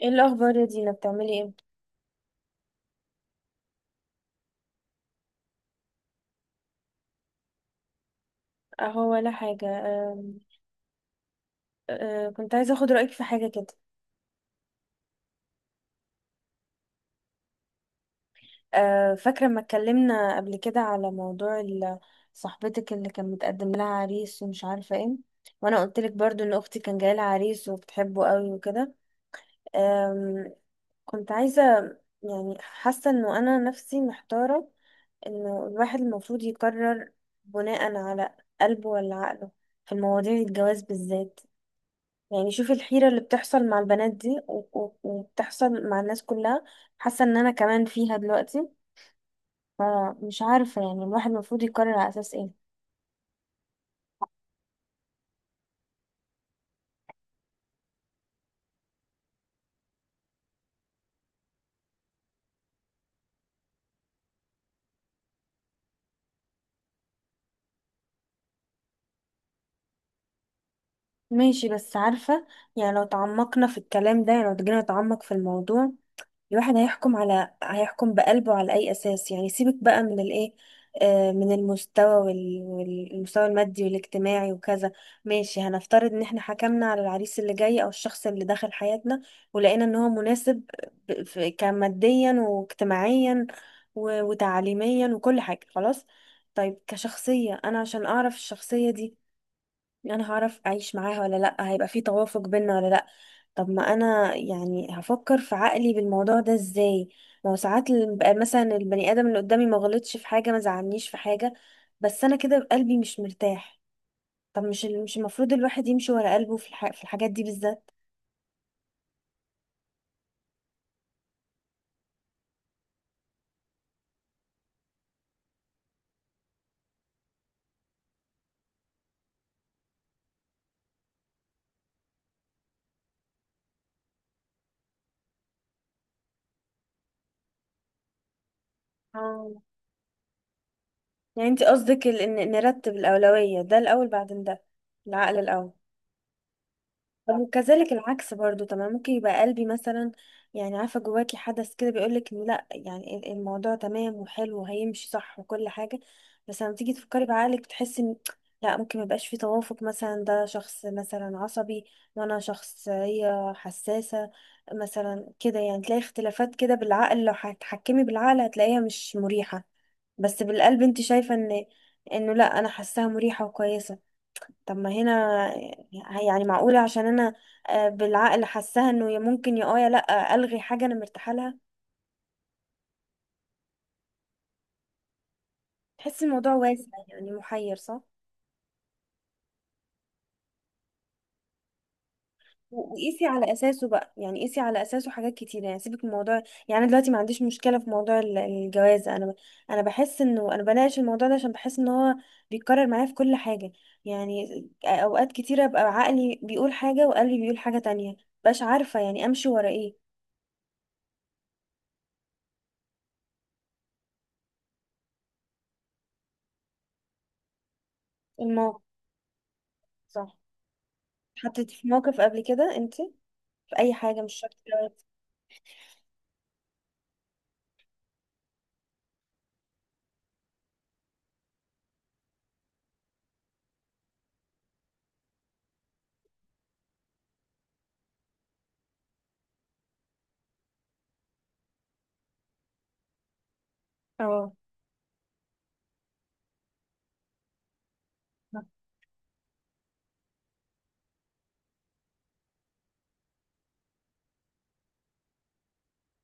ايه الاخبار يا دينا؟ بتعملي ايه؟ اهو ولا حاجه. أم، كنت عايزه اخد رايك في حاجه كده. فاكره لما اتكلمنا قبل كده على موضوع صاحبتك اللي كان متقدم لها عريس ومش عارفه ايه، وانا قلت لك برضو ان اختي كان جاي لها عريس وبتحبه قوي وكده. أم، كنت عايزه، يعني حاسه انه انا نفسي محتاره، انه الواحد المفروض يقرر بناء على قلبه ولا عقله في المواضيع الجواز بالذات. يعني شوف الحيرة اللي بتحصل مع البنات دي و- و- وبتحصل مع الناس كلها، حاسة ان انا كمان فيها دلوقتي. فمش عارفة يعني الواحد المفروض يقرر على اساس ايه؟ ماشي، بس عارفة، يعني لو تعمقنا في الكلام ده، يعني لو جينا نتعمق في الموضوع، الواحد هيحكم بقلبه على أي أساس؟ يعني سيبك بقى من الإيه، من المستوى والمستوى المادي والاجتماعي وكذا. ماشي، هنفترض إن احنا حكمنا على العريس اللي جاي أو الشخص اللي دخل حياتنا ولقينا إن هو مناسب كماديا واجتماعيا و- وتعليميا وكل حاجة، خلاص. طيب كشخصية، أنا عشان أعرف الشخصية دي انا هعرف اعيش معاها ولا لا، هيبقى في توافق بينا ولا لا؟ طب ما انا يعني هفكر في عقلي بالموضوع ده ازاي؟ ما هو ساعات بقى مثلا البني ادم اللي قدامي ما غلطش في حاجه، ما زعلنيش في حاجه، بس انا كده قلبي مش مرتاح. طب مش مش المفروض الواحد يمشي ورا قلبه في في الحاجات دي بالذات؟ اه، يعني انت قصدك إن نرتب الاولويه، ده الاول بعدين ده، العقل الاول. طب وكذلك العكس برضو، تمام، ممكن يبقى قلبي مثلا، يعني عارفه جواكي حدث كده بيقولك إن لا، يعني الموضوع تمام وحلو وهيمشي صح وكل حاجه، بس لما تيجي تفكري بعقلك بتحسي ان لا، ممكن ميبقاش في توافق، مثلا ده شخص مثلا عصبي وانا شخصيه حساسه، مثلا كده، يعني تلاقي اختلافات كده بالعقل، لو هتحكمي بالعقل هتلاقيها مش مريحه، بس بالقلب انت شايفه انه لا، انا حاساها مريحه وكويسه. طب ما هنا، يعني معقولة عشان انا، بالعقل حاساها انه يا ممكن يا يا لا، الغي حاجة انا مرتاحة لها؟ تحس الموضوع واسع، يعني محير، صح؟ و- وقيسي على اساسه بقى، يعني قيسي على اساسه حاجات كتيرة، يعني سيبك من موضوع، يعني أنا دلوقتي ما عنديش مشكلة في موضوع الجواز، انا بحس انه انا بناقش الموضوع ده عشان بحس ان هو بيتكرر معايا في كل حاجة. يعني اوقات كتيرة بقى عقلي بيقول حاجة وقلبي بيقول حاجة تانية، مبقاش عارفة يعني امشي ورا ايه. الموقف. صح. اتحطيتي في موقف قبل كده انت؟ في اي حاجه، مش شرط. اه.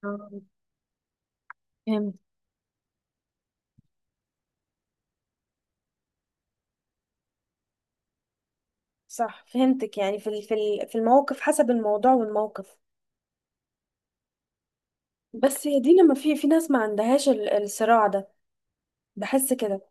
آه، فهمت. صح، فهمتك، يعني في الموقف، حسب الموضوع والموقف. بس هي دي، لما في ناس ما عندهاش الصراع ده، بحس كده.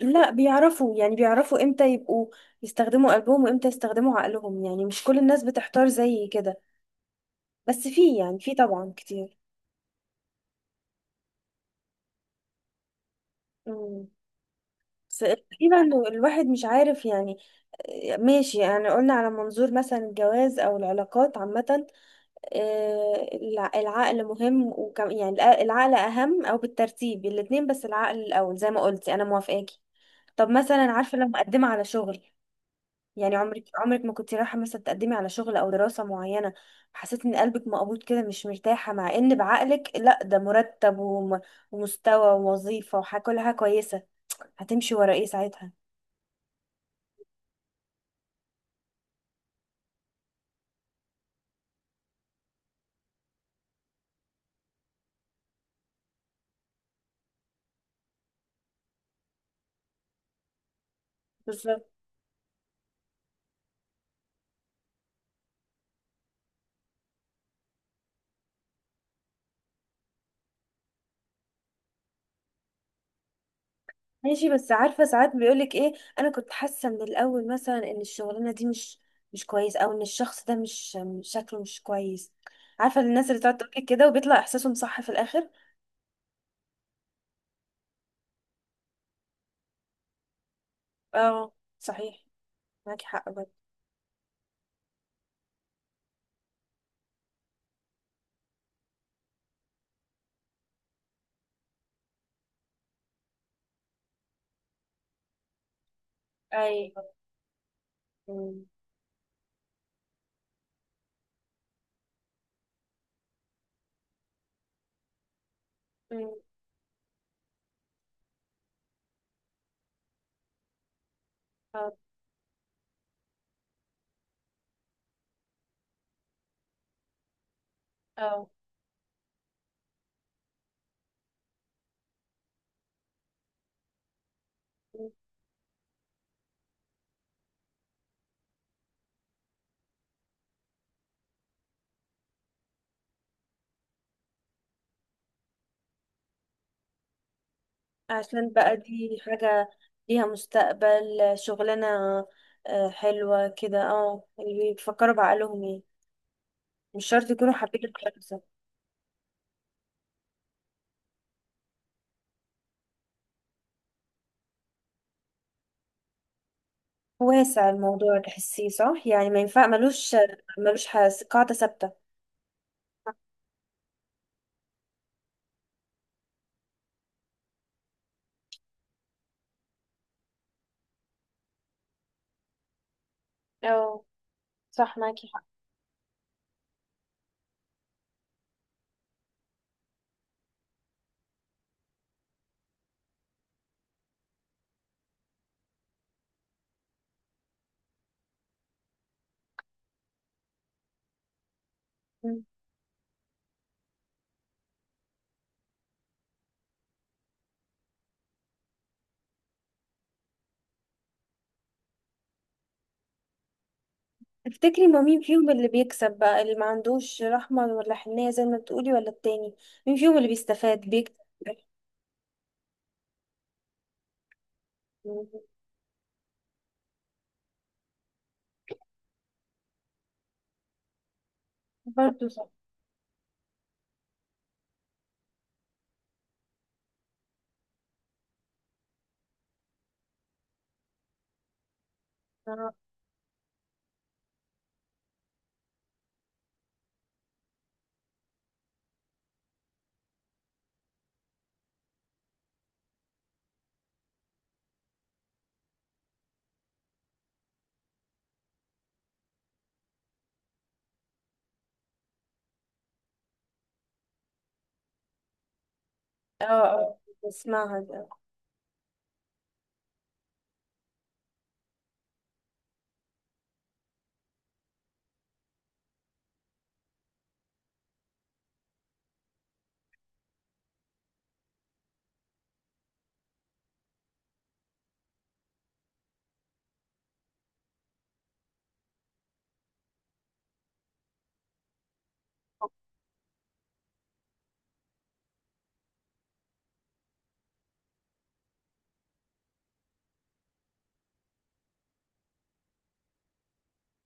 لا بيعرفوا، يعني بيعرفوا امتى يبقوا يستخدموا قلبهم وامتى يستخدموا عقلهم، يعني مش كل الناس بتحتار زي كده، بس في، يعني في طبعا كتير. امم. بس تقريبا إنه الواحد مش عارف يعني. آه، ماشي، يعني قلنا على منظور مثلا الجواز او العلاقات عامة. آه، العقل مهم، وكم يعني العقل أهم، أو بالترتيب الاتنين، بس العقل الأول زي ما قلتي، أنا موافقاكي. طب مثلا عارفة لو مقدمة على شغل، يعني عمرك ما كنت رايحة مثلا تقدمي على شغل أو دراسة معينة، حسيت إن قلبك مقبوض كده مش مرتاحة، مع إن بعقلك لأ، ده مرتب وم- ومستوى ووظيفة وكل حاجة كويسة، هتمشي ورا إيه ساعتها؟ بالظبط. ماشي، بس عارفة ساعات بيقولك ايه، انا كنت حاسة من الاول مثلا ان الشغلانة دي مش كويس، او ان الشخص ده شكله مش كويس. عارفة الناس اللي بتقعد تقولك كده وبيطلع احساسهم صح في الاخر. اه. صحيح. معاكي حق بجد. ايوه. أمم. أمم. اه. اه. أمم. عشان بقى دي حاجة ليها مستقبل، شغلانة حلوة كده. اه اللي بيفكروا بعقلهم يعني مش شرط يكونوا حابين الشخص. واسع الموضوع، تحسيه صح، يعني ما ينفع ملوش قاعدة ثابتة. اه، صح معاكي حق. مم. تفتكري ما مين فيهم اللي بيكسب بقى، اللي ما عندوش رحمة ولا حنية زي ما بتقولي ولا التاني؟ مين فيهم اللي بيستفاد، بيكسب؟ مم. برضه صح. اه. اه. آه. بسمعها ده.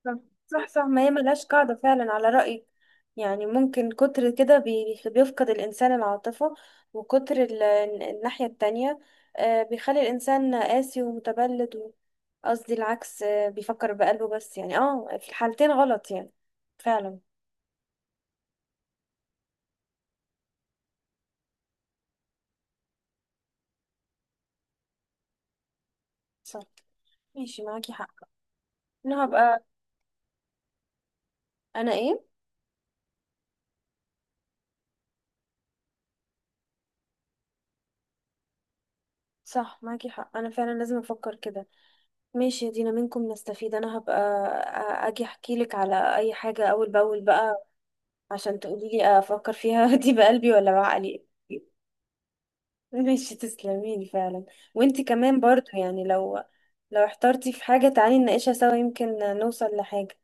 صح، صح، صح، ما هي ملهاش قاعدة فعلا على رأيك، يعني ممكن كتر كده بي- بيفقد الإنسان العاطفة، وكتر الناحية التانية بيخلي الإنسان قاسي ومتبلد قصدي العكس، بيفكر بقلبه بس، يعني في الحالتين غلط، يعني فعلا. صح. ماشي معاكي حق. انا هبقى انا ايه صح معاكي حق، انا فعلا لازم افكر كده. ماشي يا دينا، منكم نستفيد. انا هبقى اجي احكي لك على اي حاجة اول باول بقى، عشان تقولي لي افكر فيها دي بقلبي ولا بعقلي؟ ماشي، تسلميلي فعلا. وانتي كمان برضو، يعني لو احترتي في حاجة تعالي نناقشها سوا، يمكن نوصل لحاجة.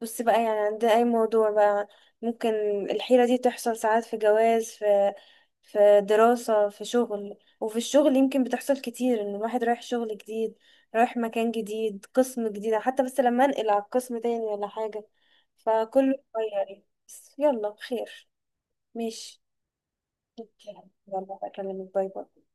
بصي بقى، يعني عند اي موضوع بقى ممكن الحيرة دي تحصل، ساعات في جواز، في في دراسة، في شغل، وفي الشغل يمكن بتحصل كتير، ان الواحد رايح شغل جديد، رايح مكان جديد، قسم جديد حتى، بس لما انقل على قسم تاني ولا حاجة فكله اتغير، بس يلا خير. ماشي. اوكي، يلا بكلمك. باي باي.